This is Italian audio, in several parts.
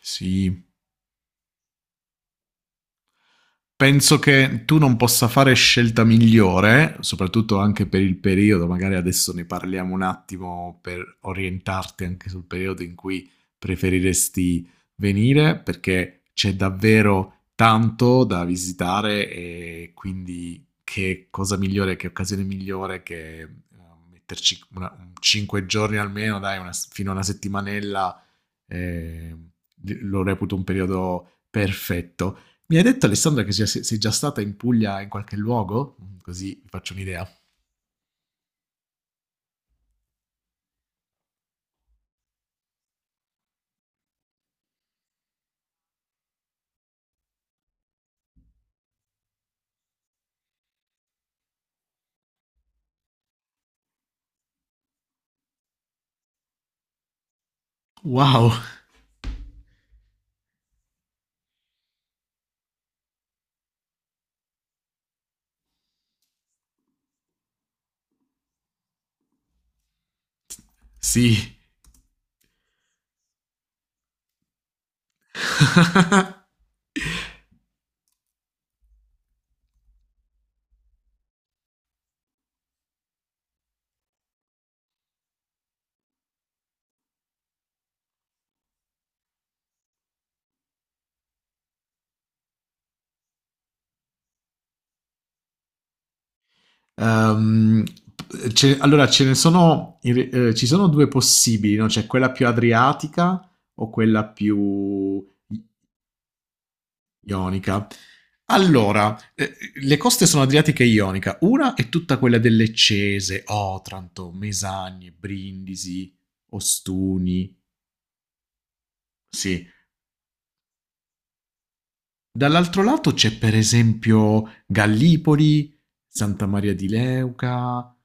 Sì, penso che tu non possa fare scelta migliore, soprattutto anche per il periodo, magari adesso ne parliamo un attimo per orientarti anche sul periodo in cui preferiresti venire, perché c'è davvero tanto da visitare e quindi che cosa migliore, che occasione migliore che metterci un 5 giorni almeno, dai, fino a una settimanella eh, lo reputo un periodo perfetto. Mi hai detto Alessandra che sei già stata in Puglia in qualche luogo? Mm, Così vi faccio un'idea. Wow, sì. Ehm, allora, ce ne sono, ci sono due possibili, no? C'è quella più adriatica o quella più ionica. Allora, le coste sono Adriatica e Ionica. Una è tutta quella delle Cese, Otranto, Mesagne, Brindisi, Ostuni. Sì. Dall'altro lato c'è per esempio Gallipoli, Santa Maria di Leuca.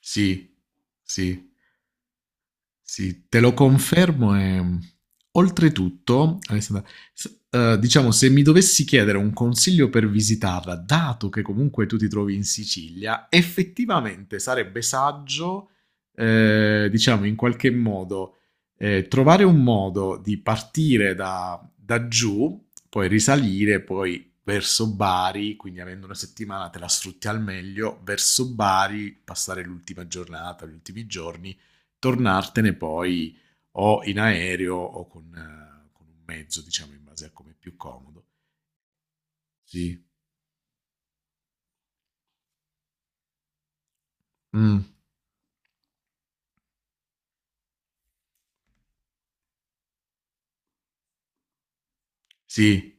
Sì, sì. Sì, te lo confermo e oltretutto, Alessandra, diciamo, se mi dovessi chiedere un consiglio per visitarla, dato che comunque tu ti trovi in Sicilia, effettivamente sarebbe saggio, diciamo, in qualche modo, trovare un modo di partire da giù, poi risalire, poi verso Bari, quindi avendo una settimana te la sfrutti al meglio, verso Bari, passare l'ultima giornata, gli ultimi giorni tornartene poi o in aereo o con un mezzo, diciamo, in base a come è più comodo. Sì. Mm. Sì.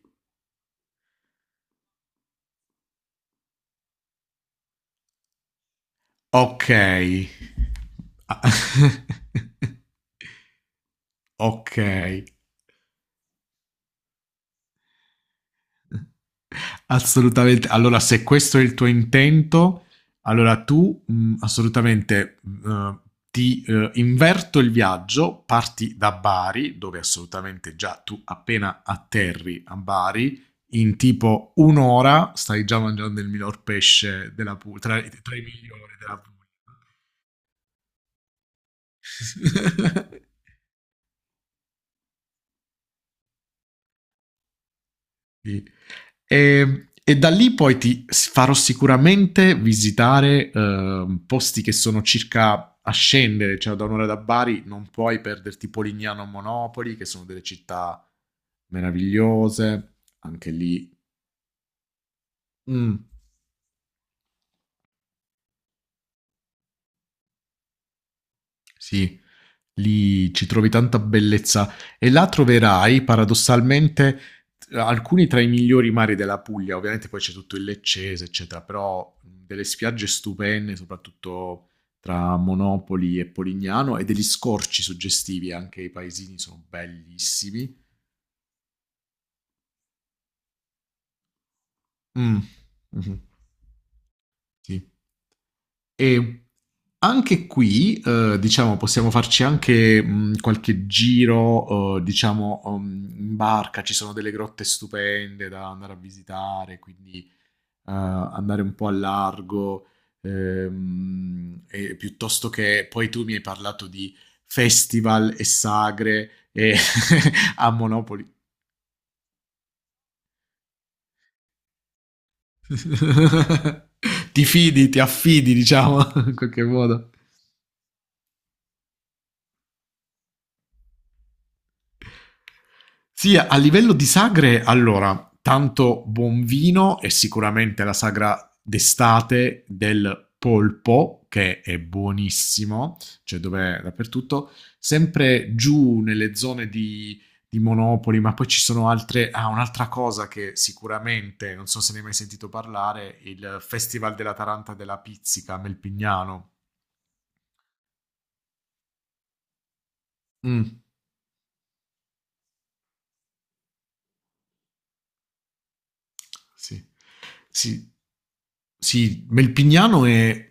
Ok. Ah. Ok. Assolutamente. Allora, se questo è il tuo intento, allora tu assolutamente ti inverto il viaggio, parti da Bari, dove assolutamente già tu appena atterri a Bari, in tipo un'ora stai già mangiando il miglior pesce della Puglia, tra i migliori della Puglia. E da lì poi ti farò sicuramente visitare posti che sono circa a scendere, cioè da un'ora da Bari non puoi perderti Polignano o Monopoli, che sono delle città meravigliose, anche lì. Mm, sì, lì ci trovi tanta bellezza e là troverai paradossalmente alcuni tra i migliori mari della Puglia, ovviamente poi c'è tutto il Leccese, eccetera, però delle spiagge stupende, soprattutto tra Monopoli e Polignano e degli scorci suggestivi, anche i paesini sono bellissimi. Mm. Mm-hmm. Sì. E anche qui, diciamo, possiamo farci anche qualche giro, diciamo, in barca. Ci sono delle grotte stupende da andare a visitare, quindi andare un po' a largo, e piuttosto che... Poi tu mi hai parlato di festival e sagre e a Monopoli. Ti fidi, ti affidi, diciamo, in qualche modo. Sì, a livello di sagre, allora, tanto buon vino e sicuramente la sagra d'estate del polpo, che è buonissimo, cioè dov'è dappertutto, sempre giù nelle zone di Monopoli, ma poi ci sono altre... Ah, un'altra cosa che sicuramente, non so se ne hai mai sentito parlare, il Festival della Taranta e della Pizzica a Melpignano. Mm, sì. Sì, sì, Melpignano è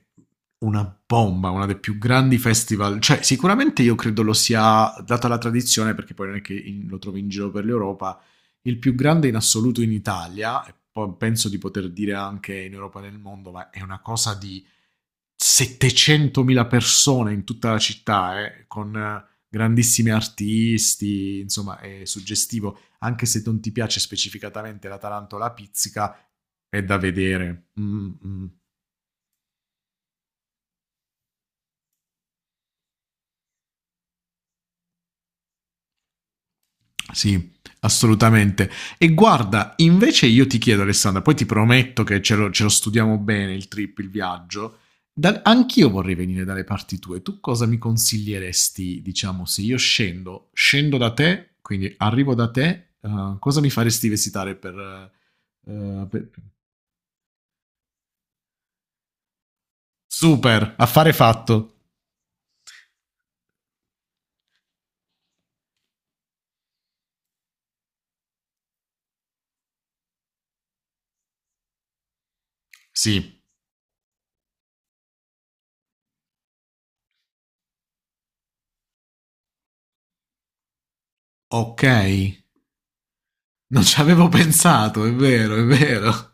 una bomba, una dei più grandi festival, cioè sicuramente io credo lo sia, data la tradizione, perché poi non è che lo trovi in giro per l'Europa, il più grande in assoluto in Italia, e poi penso di poter dire anche in Europa e nel mondo, ma è una cosa di 700.000 persone in tutta la città, con grandissimi artisti, insomma è suggestivo, anche se non ti piace specificatamente la tarantola pizzica, è da vedere. Mm, mm. Sì, assolutamente. E guarda, invece io ti chiedo, Alessandra, poi ti prometto che ce lo studiamo bene il trip, il viaggio. Anch'io vorrei venire dalle parti tue. Tu cosa mi consiglieresti, diciamo, se io scendo da te, quindi arrivo da te, cosa mi faresti visitare per... Super, affare fatto. Sì, ok. Non ci avevo pensato, è vero, è vero.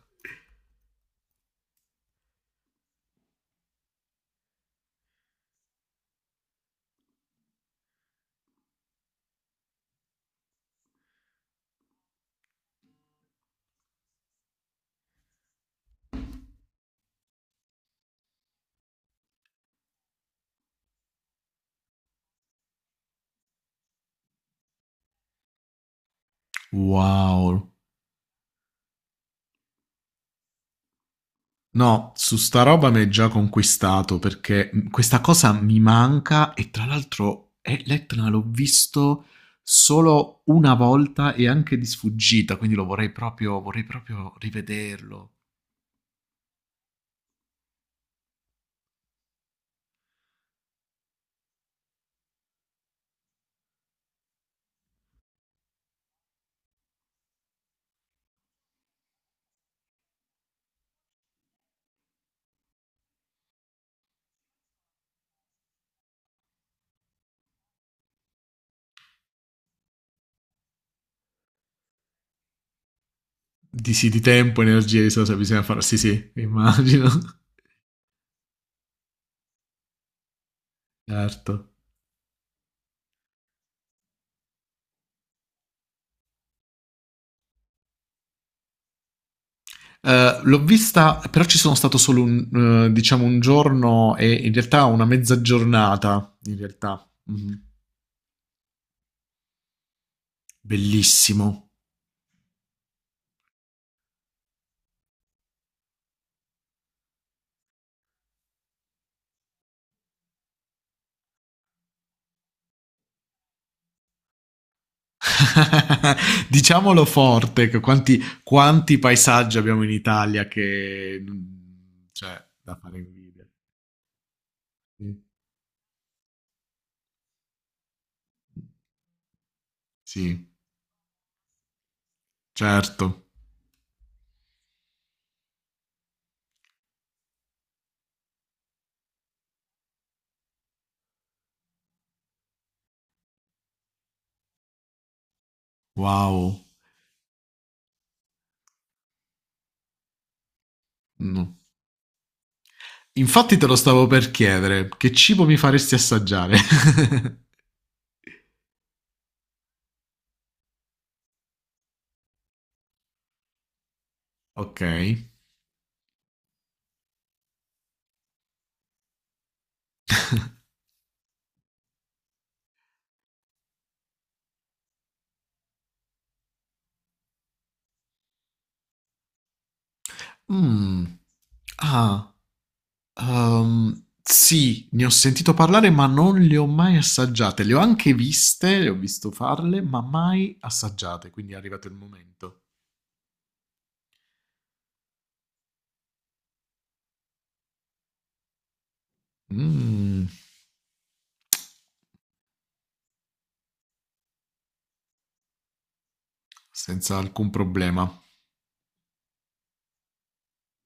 Wow. No, su sta roba mi è già conquistato perché questa cosa mi manca e tra l'altro l'Etna l'ho visto solo una volta e anche di sfuggita, quindi lo vorrei proprio rivederlo. Di sì, di tempo, energia, e risorse bisogna fare. Sì, sì, immagino. Certo. L'ho vista, però ci sono stato solo un, diciamo un giorno e in realtà una mezza giornata, in realtà. Mhm. Bellissimo. Diciamolo forte, che quanti paesaggi abbiamo in Italia che... Cioè, da fare invidia. Sì, sì certo. Wow. No. Infatti te lo stavo per chiedere, che cibo mi faresti assaggiare? Ok. Mm. Ah, sì, ne ho sentito parlare, ma non le ho mai assaggiate. Le ho anche viste, le ho visto farle, ma mai assaggiate, quindi è arrivato il momento. Mm, senza alcun problema.